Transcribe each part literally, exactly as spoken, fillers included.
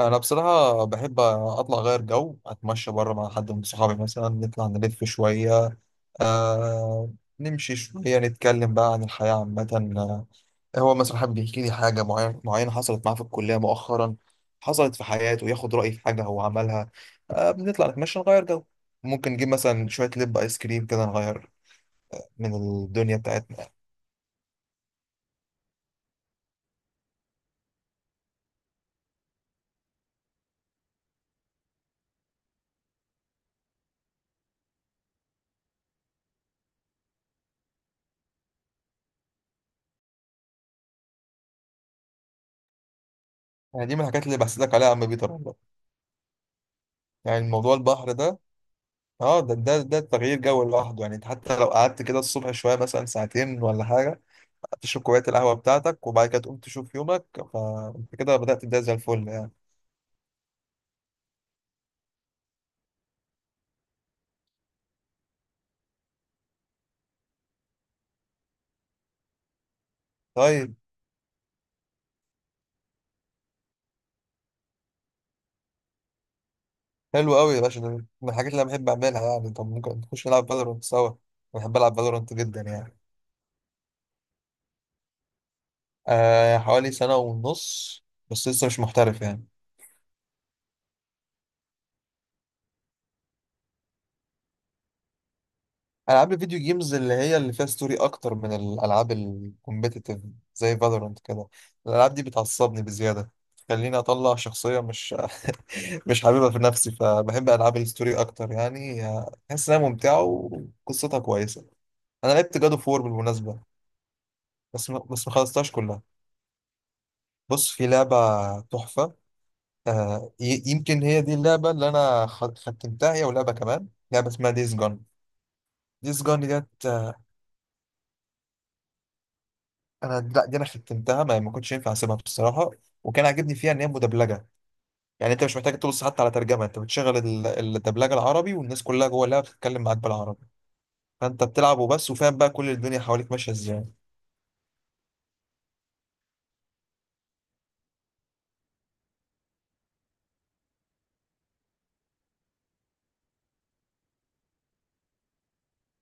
انا بصراحه بحب اطلع اغير جو اتمشى بره مع حد من صحابي مثلا نطلع نلف شويه. آه. نمشي شويه نتكلم بقى عن الحياه عامه. آه، هو مثلا حابب يحكي لي حاجه معينه معينه حصلت معاه في الكليه مؤخرا، حصلت في حياته، ياخد رايي في حاجه هو عملها. آه، بنطلع نتمشى نغير جو. ممكن نجيب مثلا شويه لب ايس كريم كده نغير من الدنيا بتاعتنا، يعني دي من الحاجات اللي بحسدك عليها يا عم بيتر والله. يعني الموضوع البحر ده، اه ده ده ده تغيير جو لوحده، يعني انت حتى لو قعدت كده الصبح شويه مثلا ساعتين ولا حاجه تشرب كوبايه القهوه بتاعتك وبعد كده تقوم تشوف يومك، فانت كده بدات تبدا زي الفل يعني. طيب، حلو قوي يا باشا، ده من الحاجات اللي انا بحب اعملها، يعني طب ممكن نخش نلعب فالورانت سوا. أنا بحب العب فالورانت جدا يعني. آه، حوالي سنه ونص، بس لسه مش محترف يعني. العاب الفيديو جيمز اللي هي اللي فيها ستوري اكتر من الالعاب الكومبيتيتيف زي فالورانت كده، الالعاب دي بتعصبني بزياده، خليني اطلع شخصيه مش مش حاببها في نفسي، فبحب العاب الستوري اكتر يعني، بحس انها ممتعه وقصتها كويسه. انا لعبت جادو فور بالمناسبه. بس ما بس ما خلصتهاش كلها. بص، في لعبه تحفه. آه ي- يمكن هي دي اللعبه اللي انا خ- ختمتها، هي ولعبه كمان، لعبه اسمها ديز جون. ديز جون ديت، آه، انا لا، دي انا ختمتها، ما ما كنتش ينفع اسيبها بصراحه. وكان عاجبني فيها ان هي مدبلجه، يعني انت مش محتاج تبص حتى على ترجمه، انت بتشغل ال- الدبلجه العربي والناس كلها جوه اللعبه بتتكلم معاك بالعربي، فانت بتلعب وبس وفاهم بقى كل الدنيا حواليك ماشيه ازاي.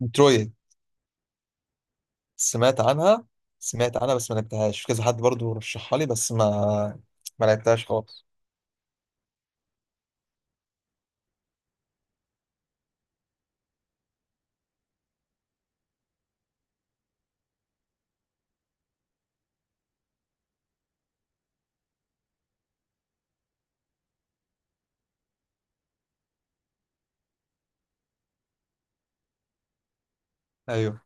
مترويد، سمعت عنها، سمعت عنها بس ما لعبتهاش، في كذا حد برضو رشحها لي بس ما ما لعبتهاش خالص. ايوه،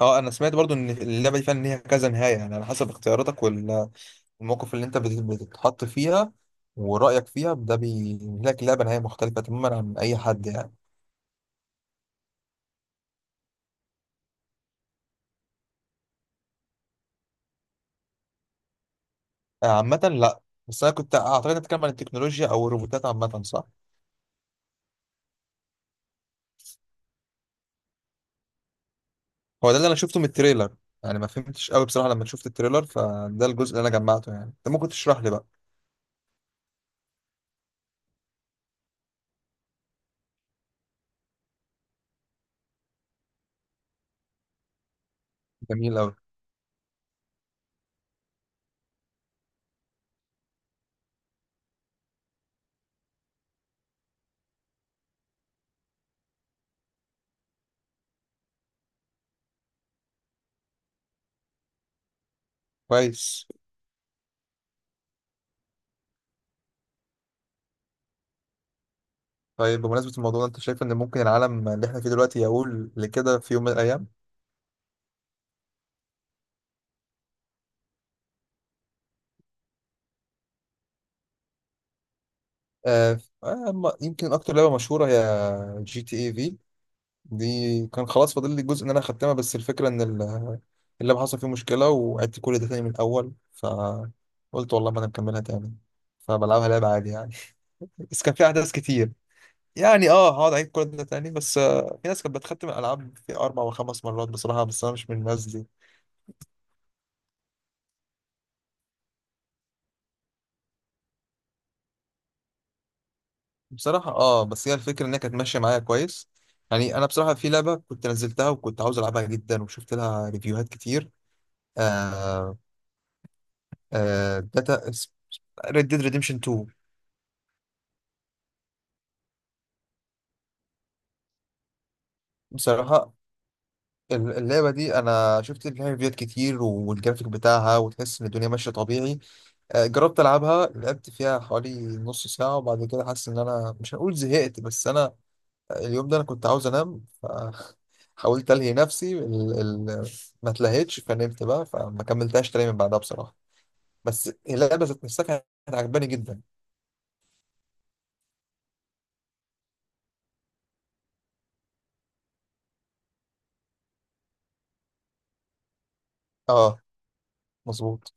اه انا سمعت برضو ان اللعبه دي فعلا ليها كذا نهايه، يعني على حسب اختياراتك وال- والموقف اللي انت بت- بتتحط فيها ورايك فيها، ده بينهي لك اللعبه نهايه مختلفه تماما عن اي حد يعني. آه، عامه لا، بس انا كنت اعتقد إنك بتتكلم عن التكنولوجيا او الروبوتات عامه، صح؟ هو ده اللي انا شفته من التريلر، يعني ما فهمتش قوي بصراحه لما شفت التريلر، فده الجزء اللي انا جمعته يعني، انت ممكن تشرح لي بقى. جميل قوي. كويس. طيب، بمناسبه الموضوع ده، انت شايف ان ممكن العالم اللي احنا فيه دلوقتي يقول لكده في يوم من الايام؟ آه آه، ما- يمكن اكتر لعبه مشهوره هي جي تي اي في، دي كان خلاص فاضل لي جزء ان انا اختمها، بس الفكره ان ال- اللعبه حصل فيه مشكله وعدت كل ده تاني من الاول، فقلت والله ما انا مكملها تاني، فبلعبها لعبه عادي يعني. بس كان في احداث كتير، يعني اه هقعد اعيد كل ده تاني؟ بس آه، في ناس كانت بتختم الالعاب في اربع وخمس مرات بصراحه، بس انا مش من الناس دي. بصراحه اه، بس هي الفكره انها كانت ماشيه معايا كويس. يعني انا بصراحه في لعبه كنت نزلتها وكنت عاوز العبها جدا وشفت لها ريفيوهات كتير. آه. آه داتا ريد ديد ريديمشن تو. بصراحه ال- اللعبه دي انا شفت لها ريفيوهات كتير، والجرافيك بتاعها وتحس ان الدنيا ماشيه طبيعي. آه، جربت العبها، لعبت فيها حوالي نص ساعه وبعد كده حاسس ان انا مش هنقول زهقت، بس انا اليوم ده انا كنت عاوز انام، فحاولت الهي نفسي ال... ال... ما اتلهيتش، فنمت بقى، فما كملتهاش تاني من بعدها بصراحه، بس اللعبه ذات نفسها كانت عجباني جدا. اه. مظبوط.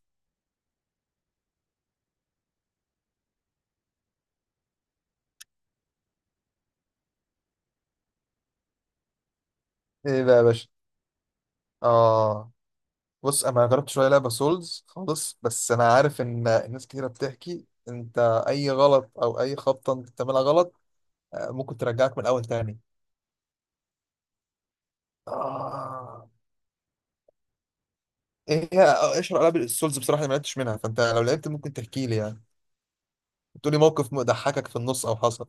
ايه بقى يا باشا؟ اه بص، انا ما جربتش ولا لعبه سولز خالص، بس انا عارف ان ناس كتيره بتحكي انت اي غلط او اي خبطه انت بتعملها غلط، آه، ممكن ترجعك من الاول تاني. آه. ايه هي اشهر العاب السولز بصراحه؟ اللي ما لعبتش منها، فانت لو لعبت ممكن تحكي لي يعني، بتقولي موقف ضحكك في النص او حصل.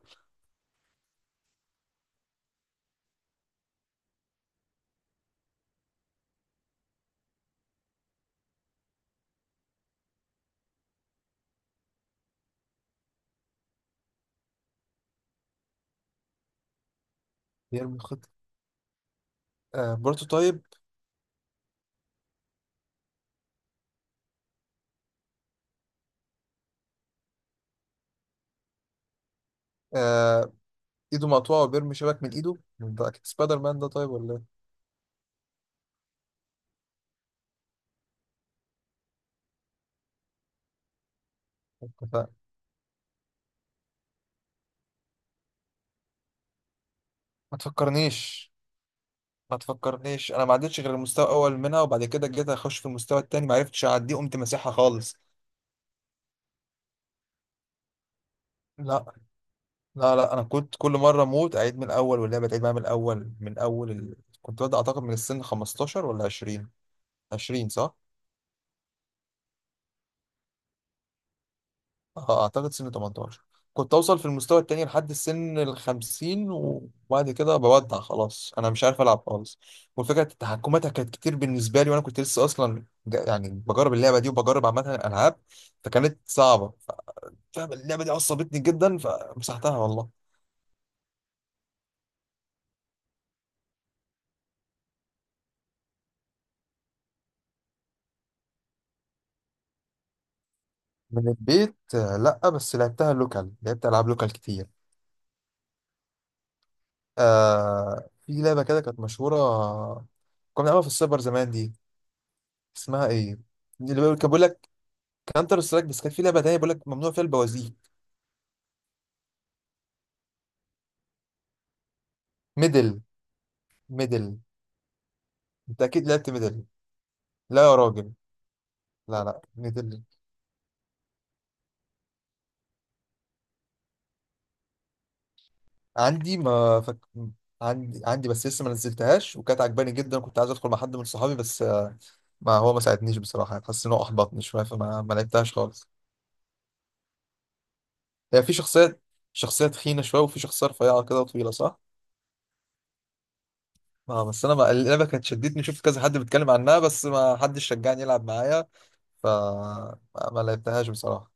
بيرمي خط؟ آه بروتوتايب. آه، ايده مقطوعه وبيرمي شبك من ايده، ده اكيد سبايدر مان ده، طيب ولا ايه؟ مش فاهم. ما تفكرنيش، ما تفكرنيش، انا ما عدتش غير المستوى الاول منها، وبعد كده جيت اخش في المستوى التاني ما عرفتش اعديه، قمت مسيحها خالص. لا لا لا، انا كنت كل مره اموت اعيد من الاول، واللعبه تعيد معايا من الاول، من اول ال... كنت ببدا اعتقد من السن خمستاشر ولا عشرين. عشرين صح. اه، اعتقد سن ثمانية عشر. كنت اوصل في المستوى التاني لحد السن ال خمسين وبعد كده بودع، خلاص انا مش عارف العب خالص، والفكره تحكماتها كانت كتير بالنسبه لي، وانا كنت لسه اصلا جا- يعني بجرب اللعبه دي وبجرب عامه الالعاب، فكانت صعبه، فاهم. اللعبه دي عصبتني جدا فمسحتها والله. من البيت آه، لا بس لعبتها لوكال، لعبت العاب لوكال كتير. آه، في لعبه كده كانت مشهوره، كنا بنلعبها في السايبر زمان دي، اسمها ايه؟ دي اللي بيقول- كان بيقول لك كانتر سترايك، بس كان في لعبه تانيه بيقول لك ممنوع فيها البوازيك. ميدل. ميدل. انت اكيد لعبت ميدل. لا يا راجل. لا لا، ميدل. عندي ما فك... عندي عندي، بس لسه ما نزلتهاش، وكانت عجباني جدا، كنت عايز ادخل مع حد من صحابي بس آه، ما هو ما ساعدنيش بصراحه، يعني حاسس ان هو احبطني شويه، فما ما لعبتهاش خالص. هي في شخصيه، شخصيه تخينه شويه، وفي شخصيه رفيعه كده وطويله، صح؟ اه بس انا ما... اللعبه كانت شدتني، شفت كذا حد بيتكلم عنها، بس ما حدش شجعني يلعب معايا، ف ما ما لعبتهاش بصراحه.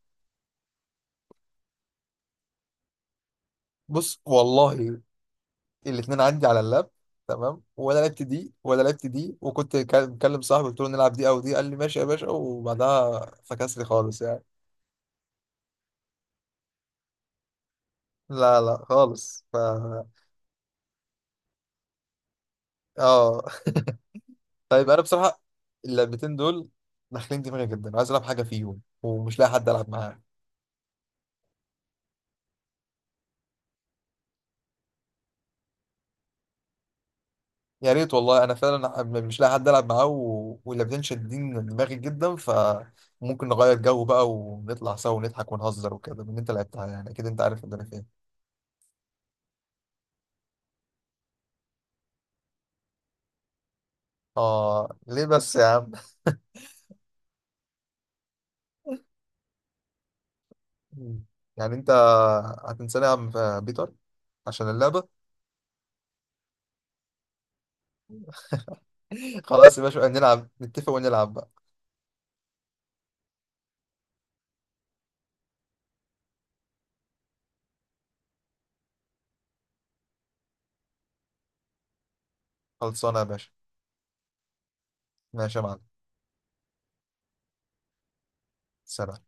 بص والله، الاتنين عندي على اللاب تمام، ولا لعبت دي ولا لعبت دي، وكنت كا- مكلم صاحبي قلت له نلعب دي او دي، قال لي ماشي يا باشا، وبعدها فكس لي خالص يعني. لا لا خالص ف اه. طيب انا بصراحه، اللعبتين دول داخلين دماغي جدا، عايز العب حاجه فيهم ومش لاقي حد العب معاه. يا ريت والله، انا فعلا مش لاقي حد العب معاه و... واللعبتين شادين دماغي جدا، فممكن نغير جو بقى ونطلع سوا ونضحك ونهزر وكده، من اللي انت لعبتها يعني اكيد انت عارف ان انا فين. اه ليه بس يا عم؟ مم. يعني انت هتنساني يا عم في بيتر عشان اللعبة؟ خلاص يا باشا، نلعب، نتفق ونلعب بقى. خلصانة يا باشا. ماشي يا معلم. سلام.